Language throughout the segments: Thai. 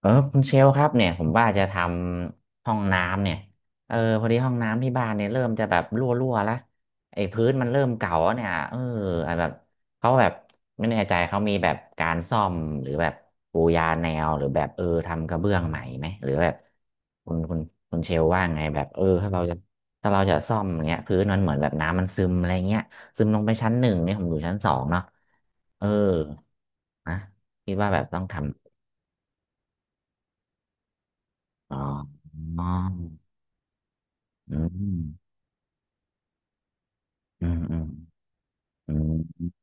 เออคุณเชลครับเนี่ยผมว่าจะทำห้องน้ำเนี่ยเออพอดีห้องน้ำที่บ้านเนี่ยเริ่มจะแบบรั่วๆแล้วไอ้พื้นมันเริ่มเก่าแล้วเนี่ยเออไอ้แบบเขาแบบไม่แน่ใจเขามีแบบการซ่อมหรือแบบปูยาแนวหรือแบบเออทำกระเบื้องใหม่ไหมหรือแบบคุณคุณคุณเชลว่าไงแบบเออถ้าเราจะซ่อมอย่างเงี้ยพื้นมันเหมือนแบบน้ำมันซึมอะไรเงี้ยซึมลงไปชั้นหนึ่งเนี่ยผมอยู่ชั้นสองเนาะเออนะคิดว่าแบบต้องทำ อ๋ออออืมอืมอืมอืม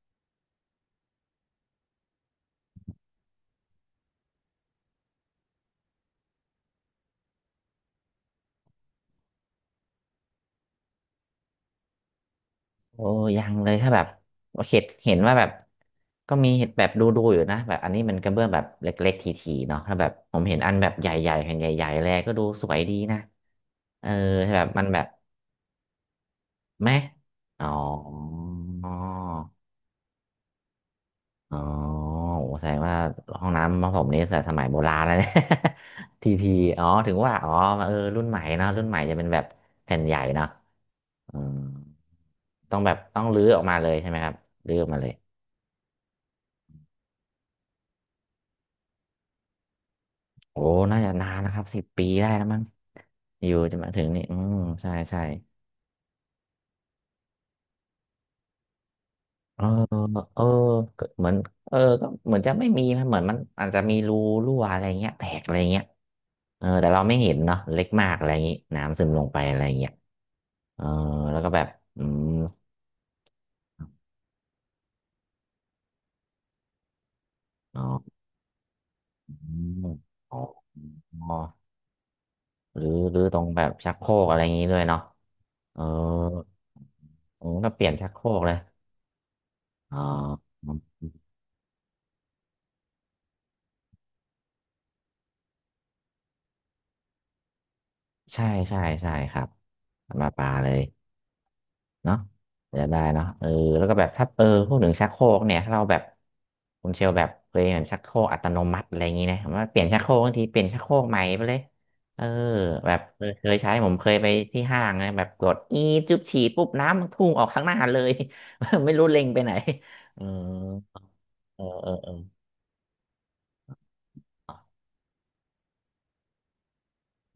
โอ้ยังเลยถ้าแบบเห็นว่าแบบก็มีเห็นแบบดูอยู่นะแบบอันนี้มันกระเบื้องแบบเล็กๆทีๆเนาะถ้าแบบผมเห็นอันแบบใหญ่ๆแผ่นใหญ่ๆแลก็ดูสวยดีนะเออแบบมันแบบแม่อ๋อ อ๋อโอ้แสดงว่าห้องน้ำของผมนี่แต่สมัยโบราณแล้วเนี่ย ทีทีอ๋อถึงว่าอ๋อเออรุ่นใหม่เนอะรุ่นใหม่จะเป็นแบบแผ่นใหญ่เนอะอืมต้องแบบต้องรื้อออกมาเลยใช่ไหมครับรื้อออกมาเลยโอ้น่าจะนานนะครับ10 ปีได้แล้วมั้งอยู่จะมาถึงนี่อืมใช่ใช่เออเออก็เหมือนเออก็เหมือนจะไม่มีนะเหมือนมันอาจจะมีรูรั่วอะไรเงี้ยแตกอะไรเงี้ยเออแต่เราไม่เห็นเนาะเล็กมากอะไรอย่างงี้น้ำซึมลงไปอะไรเงี้ย เออแล้วก็แบบอืมอ๋ออ๋ออ๋อหรือหรือตรงแบบชักโครกอะไรอย่างนี้ด้วยเนาะเออผมก็เปลี่ยนชักโครกเลยอ๋อใช่ใช่ใช่ครับมาปลาเลย เนาะจะได้เนาะเออแล้วก็แบบถ้าเออพูดถึงชักโครกเนี่ยถ้าเราแบบคุณเชลแบบเคยเห็นชักโครกอัตโนมัติอะไรอย่างนี้นะผมว่าเปลี่ยนชักโครกบางทีเปลี่ยนชักโครกใหม่ไปเลย เออแบบเคยใช้ผมเคยไปที่ห้างนะแบบกดอีจุ๊บฉี่ปุ๊บน้ำมันพุ่งออกข้างหน้าเลย ไม่รู้เล็งไปไหนเออเออเออเ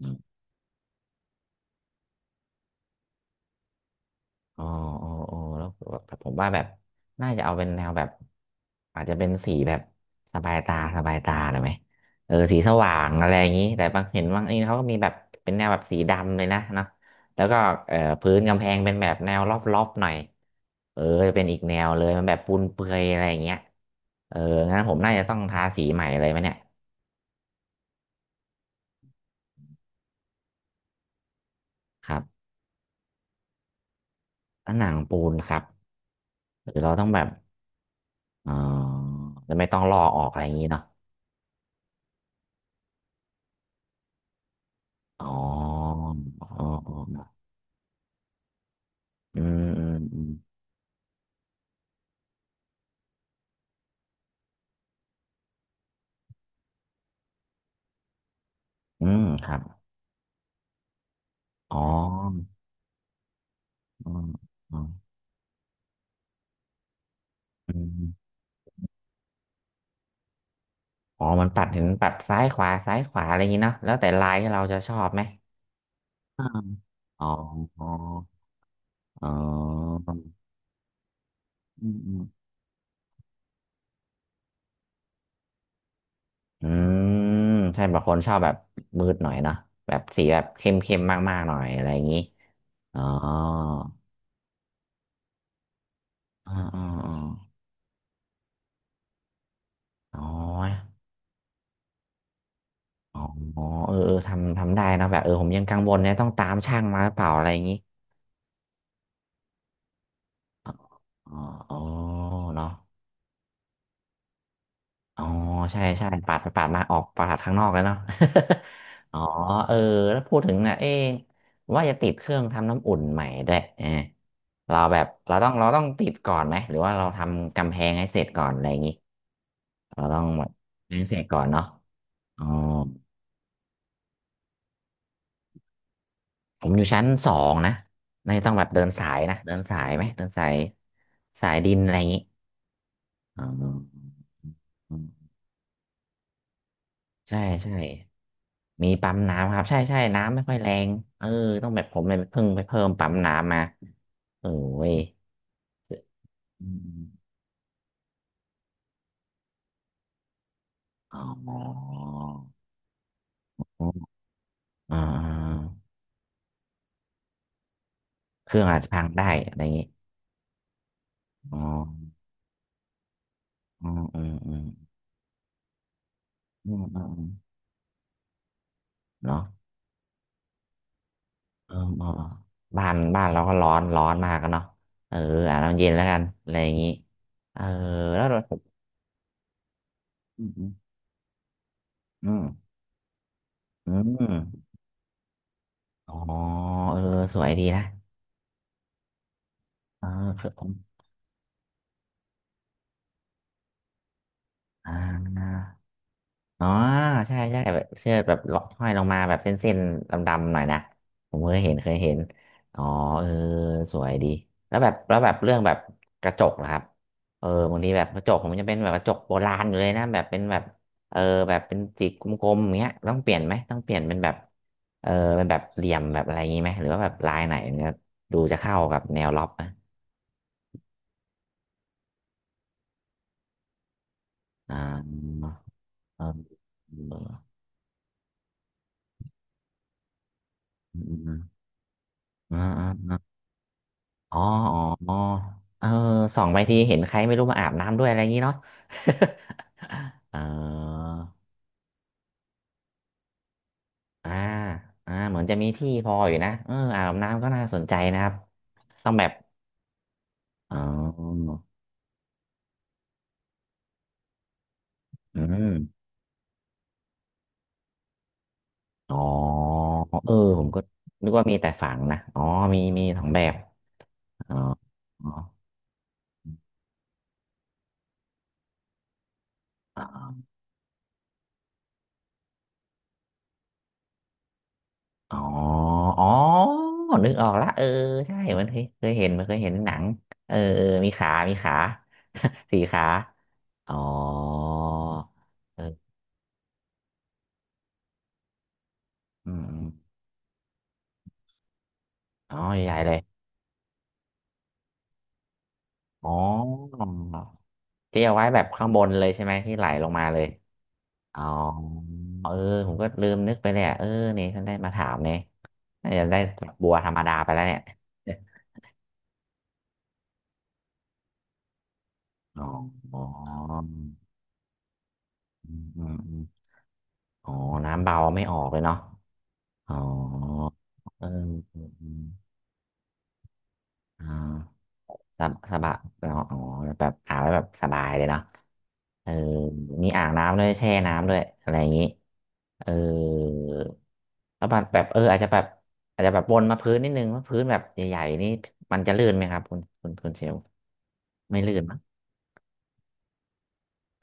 ออ อ๋ออ๋ออ๋อแล้วแบบผมว่าแบบน่าจะเอาเป็นแนวแบบอาจจะเป็นสีแบบสบายตาสบายตาหน่อยไหมเออสีสว่างอะไรอย่างนี้แต่บางเห็นบางนี่เขาก็มีแบบเป็นแนวแบบสีดำเลยนะเนาะแล้วก็พื้นกำแพงเป็นแบบแนวรอบๆหน่อยเออจะเป็นอีกแนวเลยมันแบบปูนเปื่อยอะไรอย่างเงี้ยเอองั้นผมน่าจะต้องทาสีใหม่เลยไหมเนี่ยครับผนังปูนครับหรือเราต้องแบบเออจะไม่ต้องลอกออกอะไรอย่างนี้เนาะอ๋ออ๋ออ๋อ อืมอืมอืมอืมครับอ๋ออ๋มอืออืมอ๋อมันปัดถึงปัดซ้ายขวาซ้ายขวาอะไรอย่างนี้เนาะแล้วแต่ลายที่เราจะชอบไหมอาอ๋ออ๋ออ๋ออืมอืมอืมใช่บางคนชอบแบบมืดหน่อยเนาะแบบสีแบบเข้มเข้มมากๆหน่อยอะไรอย่างนี้อ๋ออ๋ออ๋ออ๋ออ๋ออ๋อเออเออทำทำได้นะแบบเออผมยังกังวลเนี่ยต้องตามช่างมาหรือเปล่าอะไรอย่างนี้อ๋ออ๋อเนาะ อ๋อใช่ใช่ปาดไปปาดมาออกปาดข้างนอกแล้วเนาะ อ๋อเออแล้วพูดถึงน่ะเอ๊ะว่าจะติดเครื่องทำน้ำอุ่นใหม่ด้วยเออเราแบบเราต้องติดก่อนไหมหรือว่าเราทำกำแพงให้เสร็จก่อนอะไรอย่างงี้เราต้องแบบให้เสร็จก่อนเนาะอ๋อผมอยู่ชั้นสองนะไม่ต้องแบบเดินสายนะเดินสายไหมเดินสายสายดินอะไรอย่างงี้อ๋อ ใช่ใช่มีปั๊มน้ำครับใช่ใช่น้ำไม่ค่อยแรงเออต้องแบบผมเลยเพิ่งไปเพิ่มปั๊มน้ำมาเออว้ยอืมอ๋ออ่าเครื่องอาจจะพังได้อะไรอย่างงี้อ๋ออืมอืมอืมอืมอืมอืมเนาะออเออเออบ้านเราก็ร้อนร้อนมากกันเนาะเอออาบน้ำเย็นแล้วกันอะไรอย่างงี้เออแล้วเราอืมอืมอืมอืมอ๋อเออสวยดีนะเออ อ่าอ๋อใช่ใช่แบบเชือกแบบล็อกห้อยลงมาแบบเส้นๆดำๆหน่อยนะผมเคยเห็นเคยเห็นอ๋อเออสวยดีแล้วแบบแล้วแบบเรื่องแบบกระจกนะครับเออบางทีแบบกระจกผมจะเป็นแบบกระจกโบราณอยู่เลยนะแบบเป็นแบบเออแบบเป็นจิกกลมๆอย่างเงี้ยต้องเปลี่ยนไหมต้องเปลี่ยนเป็นแบบเออเป็นแบบเหลี่ยมแบบอะไรอย่างงี้ไหมหรือว่าแบบลายไหนเนี่ยดูจะเข้ากับแนวล็อบไหมอ่าเออเออเออเออ อ๋ออ๋ออ๋อเออส่องไปทีเห็นใครไม่รู้มาอาบน้ำด้วยอะไรอย่างนี้เนาะ เอออ่าอ่าเหมือนจะมีที่พออยู่นะเอออาบน้ำก็น่าสนใจนะครับต้องแบบ อ๋ออืมอ๋อเออ ผมก็นึกว่ามีแต่ฝังนะ อ๋อ มี มีสองแบบอ๋ออ๋อ อ๋ออ๋อนึกออกละเออใช่มันเคยเห็นมันเคยเห็นหนังเออเออมีขามีขา สี่ขาอ๋อเอออืมอมอ๋อใหญ่ๆเลยอ๋อที่เอาไว้แบบข้างบนเลยใช่ไหมที่ไหลลงมาเลยอ๋อเออผมก็ลืมนึกไปเลยอะเออนี่ท่านได้มาถามเนี่ยน่าจะได้บบัวธรรมดาไปแล้วเนี่ย อ๋ออ๋ออืมอืมอืมอ๋อน้ำเบาไม่ออกเลยเนาะ อ๋อเออเอืมอออ่าสบสบายเนาะอ๋อแบบอาบแล้วแบบสบายเลยเนาะเออมีอ่างน้ำด้วยแช่น้ำด้วยอะไรอย่างนี้เออแล้วแบบแบบเอออาจจะแบบอาจจะแบบวนมาพื้นนิดนึงว่าพื้นแบบใหญ่ๆนี่มันจะลื่นไหมครับคุณเชลไม่ลื่นมั้ง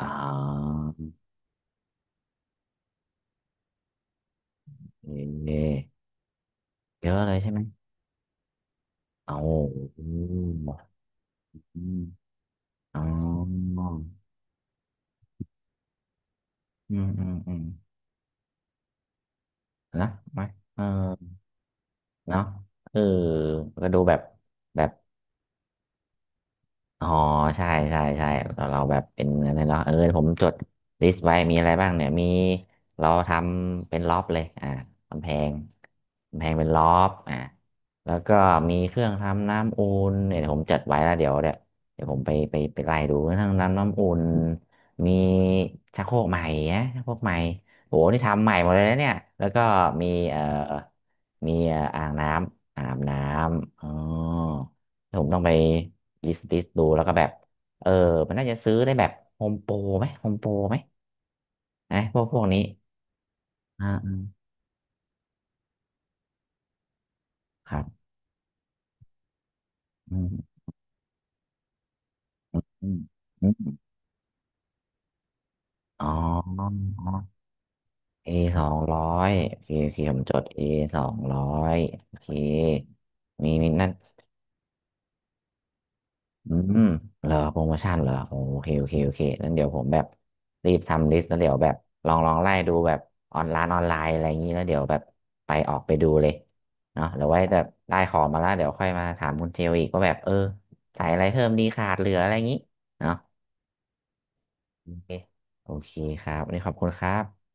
อ๋อโอเคเยอะเลยใช่ไหมโอ้โหอืมอ๋ออืมอืมอืมนะไหมเออ เนาะเออก็ดูแบบแบบ อ๋อใช่ใช่ใช่เราแบบเป็นอะไรเนาะเออผมจดลิสต์ไว้มีอะไรบ้างเนี่ยมีเราทำเป็นล็อบเลยอ่ากำแพงกำแพงเป็นล็อบอ่าแล้วก็มีเครื่องทำน้ำอุ่นเนี่ยเดี๋ยวผมจัดไว้แล้วเดี๋ยวเดี๋ยวผมไปไล่ดูเครื่องทำน้ำอุ่นมีชักโครกใหม่นะชักโครกใหม่โหนี่ทำใหม่หมดเลยนะเนี่ยแล้วก็มีเอ่อมีอ่างน้ำอาบน้ำอ๋อผมต้องไป ลิสต์ดูแล้วก็แบบเออมันน่าจะซื้อได้แบบโฮมโปรไหมโฮมโปรไหมนะพวกนี้อ่าครับอืมอืมอืมอ๋อเอสองร้อยโอเคโอเคผมจดเอสองร้อยโอเคมีมีนั่น อืมเหรอโปรโมชั่นเหรอโอโอเคโอเคโอเคนั่นเดี๋ยวผมแบบรีบทำลิสต์แล้วเดี๋ยวแบบลองไล่ดูแบบออนไลน์ออนไลน์อะไรอย่างนี้แล้วเดี๋ยวแบบไปออกไปดูเลยเนาะเดี๋ยวไว้แบบได้ของมาแล้วเดี๋ยวค่อยมาถามคุณเจลอีกว่าแบบเออใส่อะไรเพิ่มดีขาดเหลืออะไรอย่างนี้เนาะโอเคโอเคครับวันนี้ขอบคุณครับ